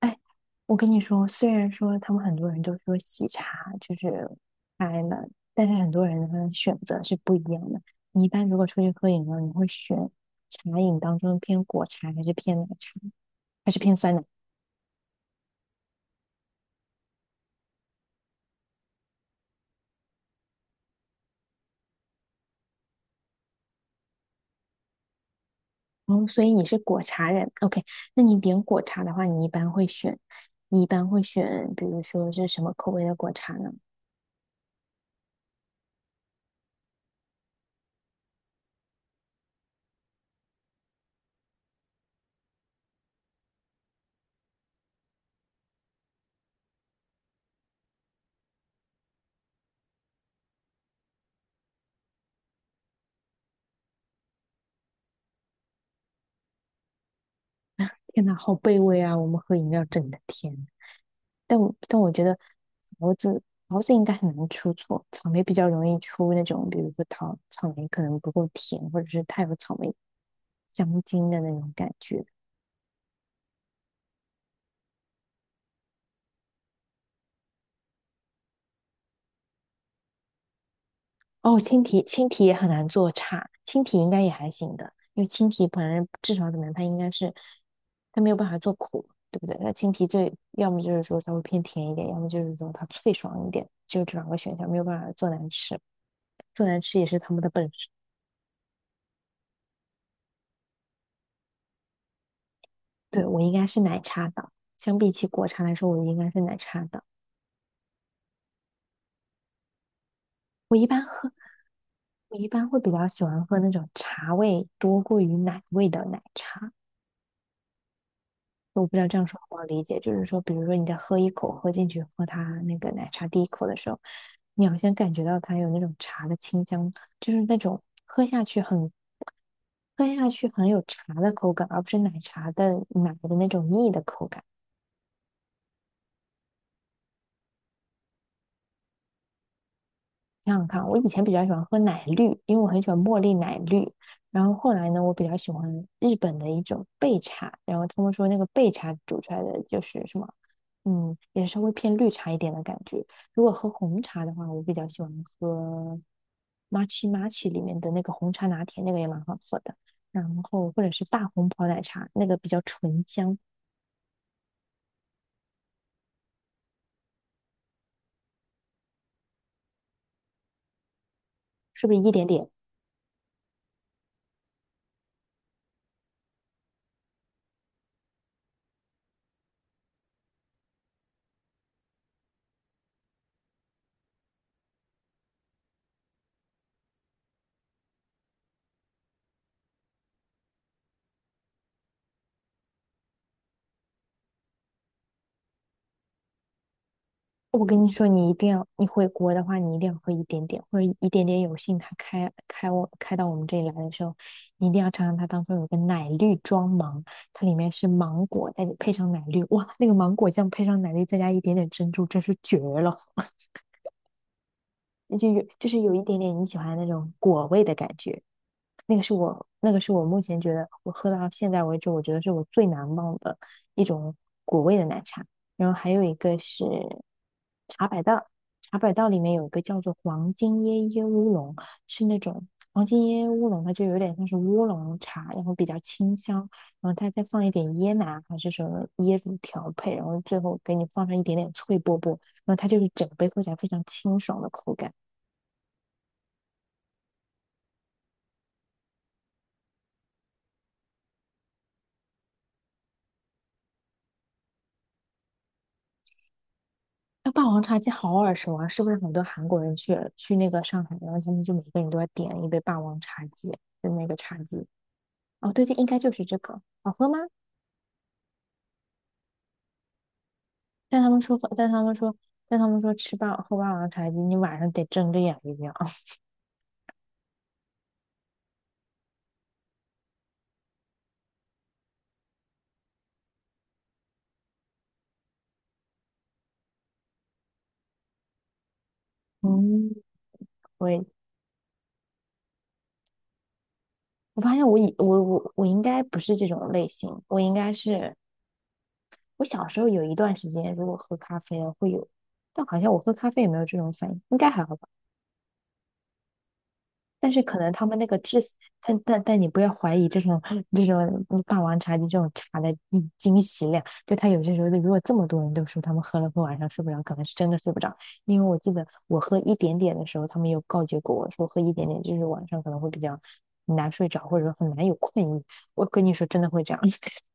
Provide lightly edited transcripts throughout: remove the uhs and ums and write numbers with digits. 哎，我跟你说，虽然说他们很多人都说喜茶就是开了，但是很多人的选择是不一样的。你一般如果出去喝饮料，你会选茶饮当中偏果茶还是偏奶茶，还是偏酸奶？哦，所以你是果茶人。OK，那你点果茶的话，你一般会选，比如说是什么口味的果茶呢？天呐，好卑微啊！我们喝饮料整的天。但我觉得桃子桃子应该很难出错，草莓比较容易出那种，比如说桃草莓可能不够甜，或者是太有草莓香精的那种感觉。哦，青提也很难做差，青提应该也还行的，因为青提本来至少怎么样，它应该是它没有办法做苦，对不对？那青提最要么就是说稍微偏甜一点，要么就是说它脆爽一点，就这两个选项没有办法做难吃，做难吃也是他们的本事。对，我应该是奶茶党，相比起果茶来说，我应该是奶茶党。我一般喝，我一般会比较喜欢喝那种茶味多过于奶味的奶茶。我不知道这样说好不好理解，就是说，比如说你在喝一口喝进去，喝它那个奶茶第一口的时候，你好像感觉到它有那种茶的清香，就是那种喝下去很有茶的口感，而不是奶茶的奶的那种腻的口感。想想看，我以前比较喜欢喝奶绿，因为我很喜欢茉莉奶绿。然后后来呢，我比较喜欢日本的一种焙茶，然后他们说那个焙茶煮出来的就是什么，也稍微偏绿茶一点的感觉。如果喝红茶的话，我比较喜欢喝 matcha 里面的那个红茶拿铁，那个也蛮好喝的。然后或者是大红袍奶茶，那个比较醇香，是不是一点点？我跟你说，你一定要，你回国的话，你一定要喝一点点，或者一点点有幸它开我开到我们这里来的时候，你一定要尝尝它当中有个奶绿装芒，它里面是芒果，再配上奶绿，哇，那个芒果酱配上奶绿，再加一点点珍珠，真是绝了！就是有一点点你喜欢的那种果味的感觉。那个是我目前觉得我喝到现在为止，我觉得是我最难忘的一种果味的奶茶。然后还有一个是茶百道，茶百道里面有一个叫做黄金椰椰乌龙，是那种黄金椰椰乌龙，它就有点像是乌龙茶，然后比较清香，然后它再放一点椰奶还是什么椰子调配，然后最后给你放上一点点脆波波，然后它就是整杯喝起来非常清爽的口感。那霸王茶姬好耳熟啊，是不是很多韩国人去那个上海，然后他们就每个人都要点一杯霸王茶姬，就那个茶姬。哦，对对，应该就是这个。好喝吗？但他们说但他们说，但他们说喝霸王茶姬，你晚上得睁着眼睛啊。嗯，我也我发现我以我我我应该不是这种类型，我应该是我小时候有一段时间，如果喝咖啡了会有，但好像我喝咖啡也没有这种反应，应该还好吧。但是可能他们那个制，但你不要怀疑这种霸王茶姬这种茶的惊喜量，就他有些时候，如果这么多人都说他们喝了会晚上睡不着，可能是真的睡不着。因为我记得我喝一点点的时候，他们有告诫过我说喝一点点就是晚上可能会比较难睡着，或者说很难有困意。我跟你说，真的会这样。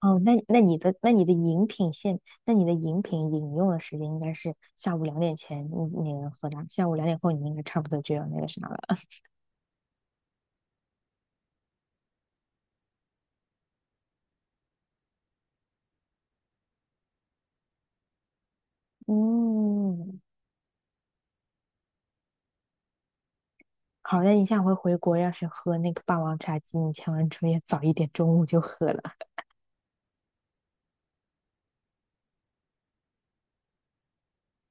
哦，那你的饮品饮用的时间应该是下午两点前你你能喝到，下午两点后你应该差不多就要那个啥了。嗯，好的，你下回回国要是喝那个霸王茶姬，你千万注意早一点，中午就喝了，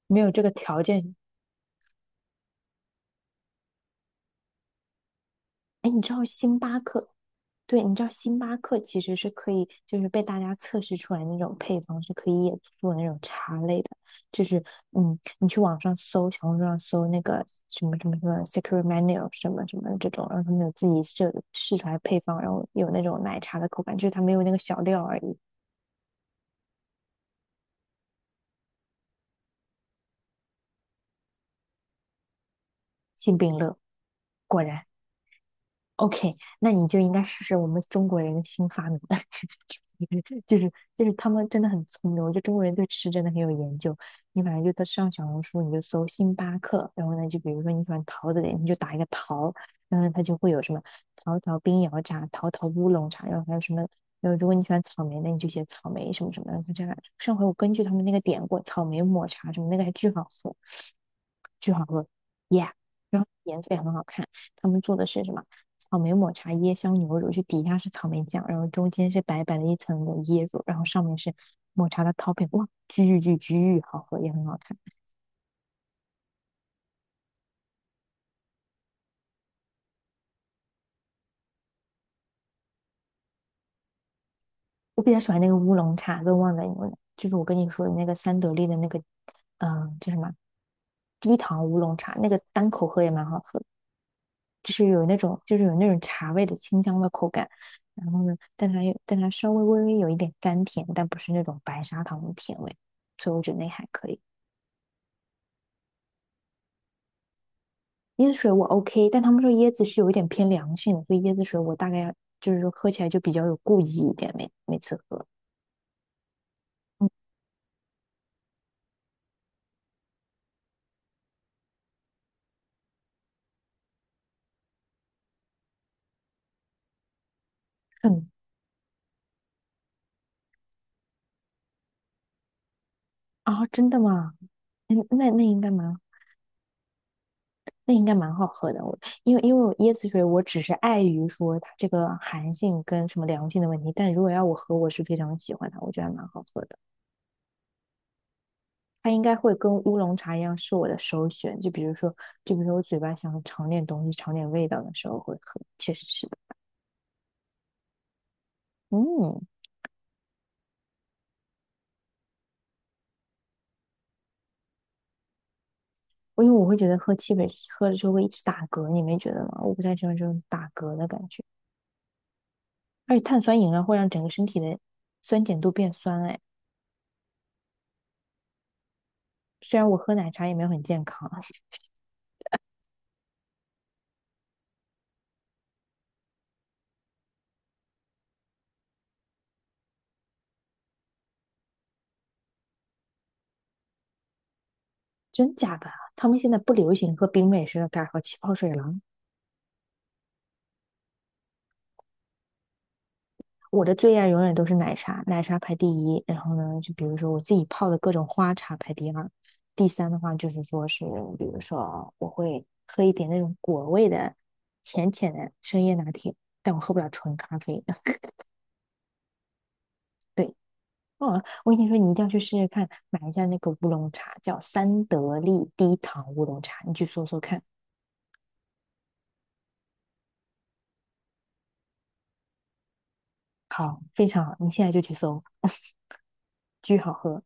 没有这个条件。哎，你知道星巴克？对，你知道星巴克其实是可以，就是被大家测试出来那种配方是可以也做那种茶类的，就是你去网上搜，小红书上搜那个什么什么什么 Secret MANU 什么什么这种，然后他们有自己设试出来配方，然后有那种奶茶的口感，就是它没有那个小料而已。幸饼乐，果然。OK，那你就应该试试我们中国人的新发明，就是就是他们真的很聪明，我觉得中国人对吃真的很有研究。你反正就在上小红书，你就搜星巴克，然后呢，就比如说你喜欢桃子的，你就打一个桃，然后它就会有什么桃桃冰摇茶、桃桃乌龙茶，然后还有什么，然后如果你喜欢草莓的，你就写草莓什么什么的，就这样。上回我根据他们那个点过草莓抹茶什么，那个还巨好喝，巨好喝，yeah，然后颜色也很好看。他们做的是什么？草莓抹茶椰香牛乳，就底下是草莓酱，然后中间是白白的一层的椰乳，然后上面是抹茶的 topping，哇，巨巨巨好喝，也很好看。我比较喜欢那个乌龙茶跟旺仔牛奶，就是我跟你说的那个三得利的那个，叫什么低糖乌龙茶，那个单口喝也蛮好喝的就是有那种茶味的清香的口感。然后呢，但它稍微微微有一点甘甜，但不是那种白砂糖的甜味，所以我觉得那还可以。椰子水我 OK，但他们说椰子是有一点偏凉性的，所以椰子水我大概就是说喝起来就比较有顾忌一点，每次喝。嗯，很啊，真的吗？嗯，那应该蛮好喝的。我因为因为我椰子水我只是碍于说它这个寒性跟什么凉性的问题，但如果要我喝，我是非常喜欢它，我觉得还蛮好喝的。它应该会跟乌龙茶一样是我的首选，就比如说我嘴巴想尝点东西、尝点味道的时候会喝，确实是的。嗯。因为我会觉得喝汽水喝了之后会一直打嗝，你没觉得吗？我不太喜欢这种打嗝的感觉，而且碳酸饮料会让整个身体的酸碱度变酸。哎，虽然我喝奶茶也没有很健康，真假的？他们现在不流行喝冰美式了，改喝气泡水了。我的最爱永远都是奶茶，奶茶排第一。然后呢，就比如说我自己泡的各种花茶排第二，第三的话就是说是，比如说我会喝一点那种果味的浅浅的深夜拿铁，但我喝不了纯咖啡。对，哦，我跟你说，你一定要去试试看，买一下那个乌龙茶，叫三得利低糖乌龙茶，你去搜搜看。好，非常好，你现在就去搜，巨好喝。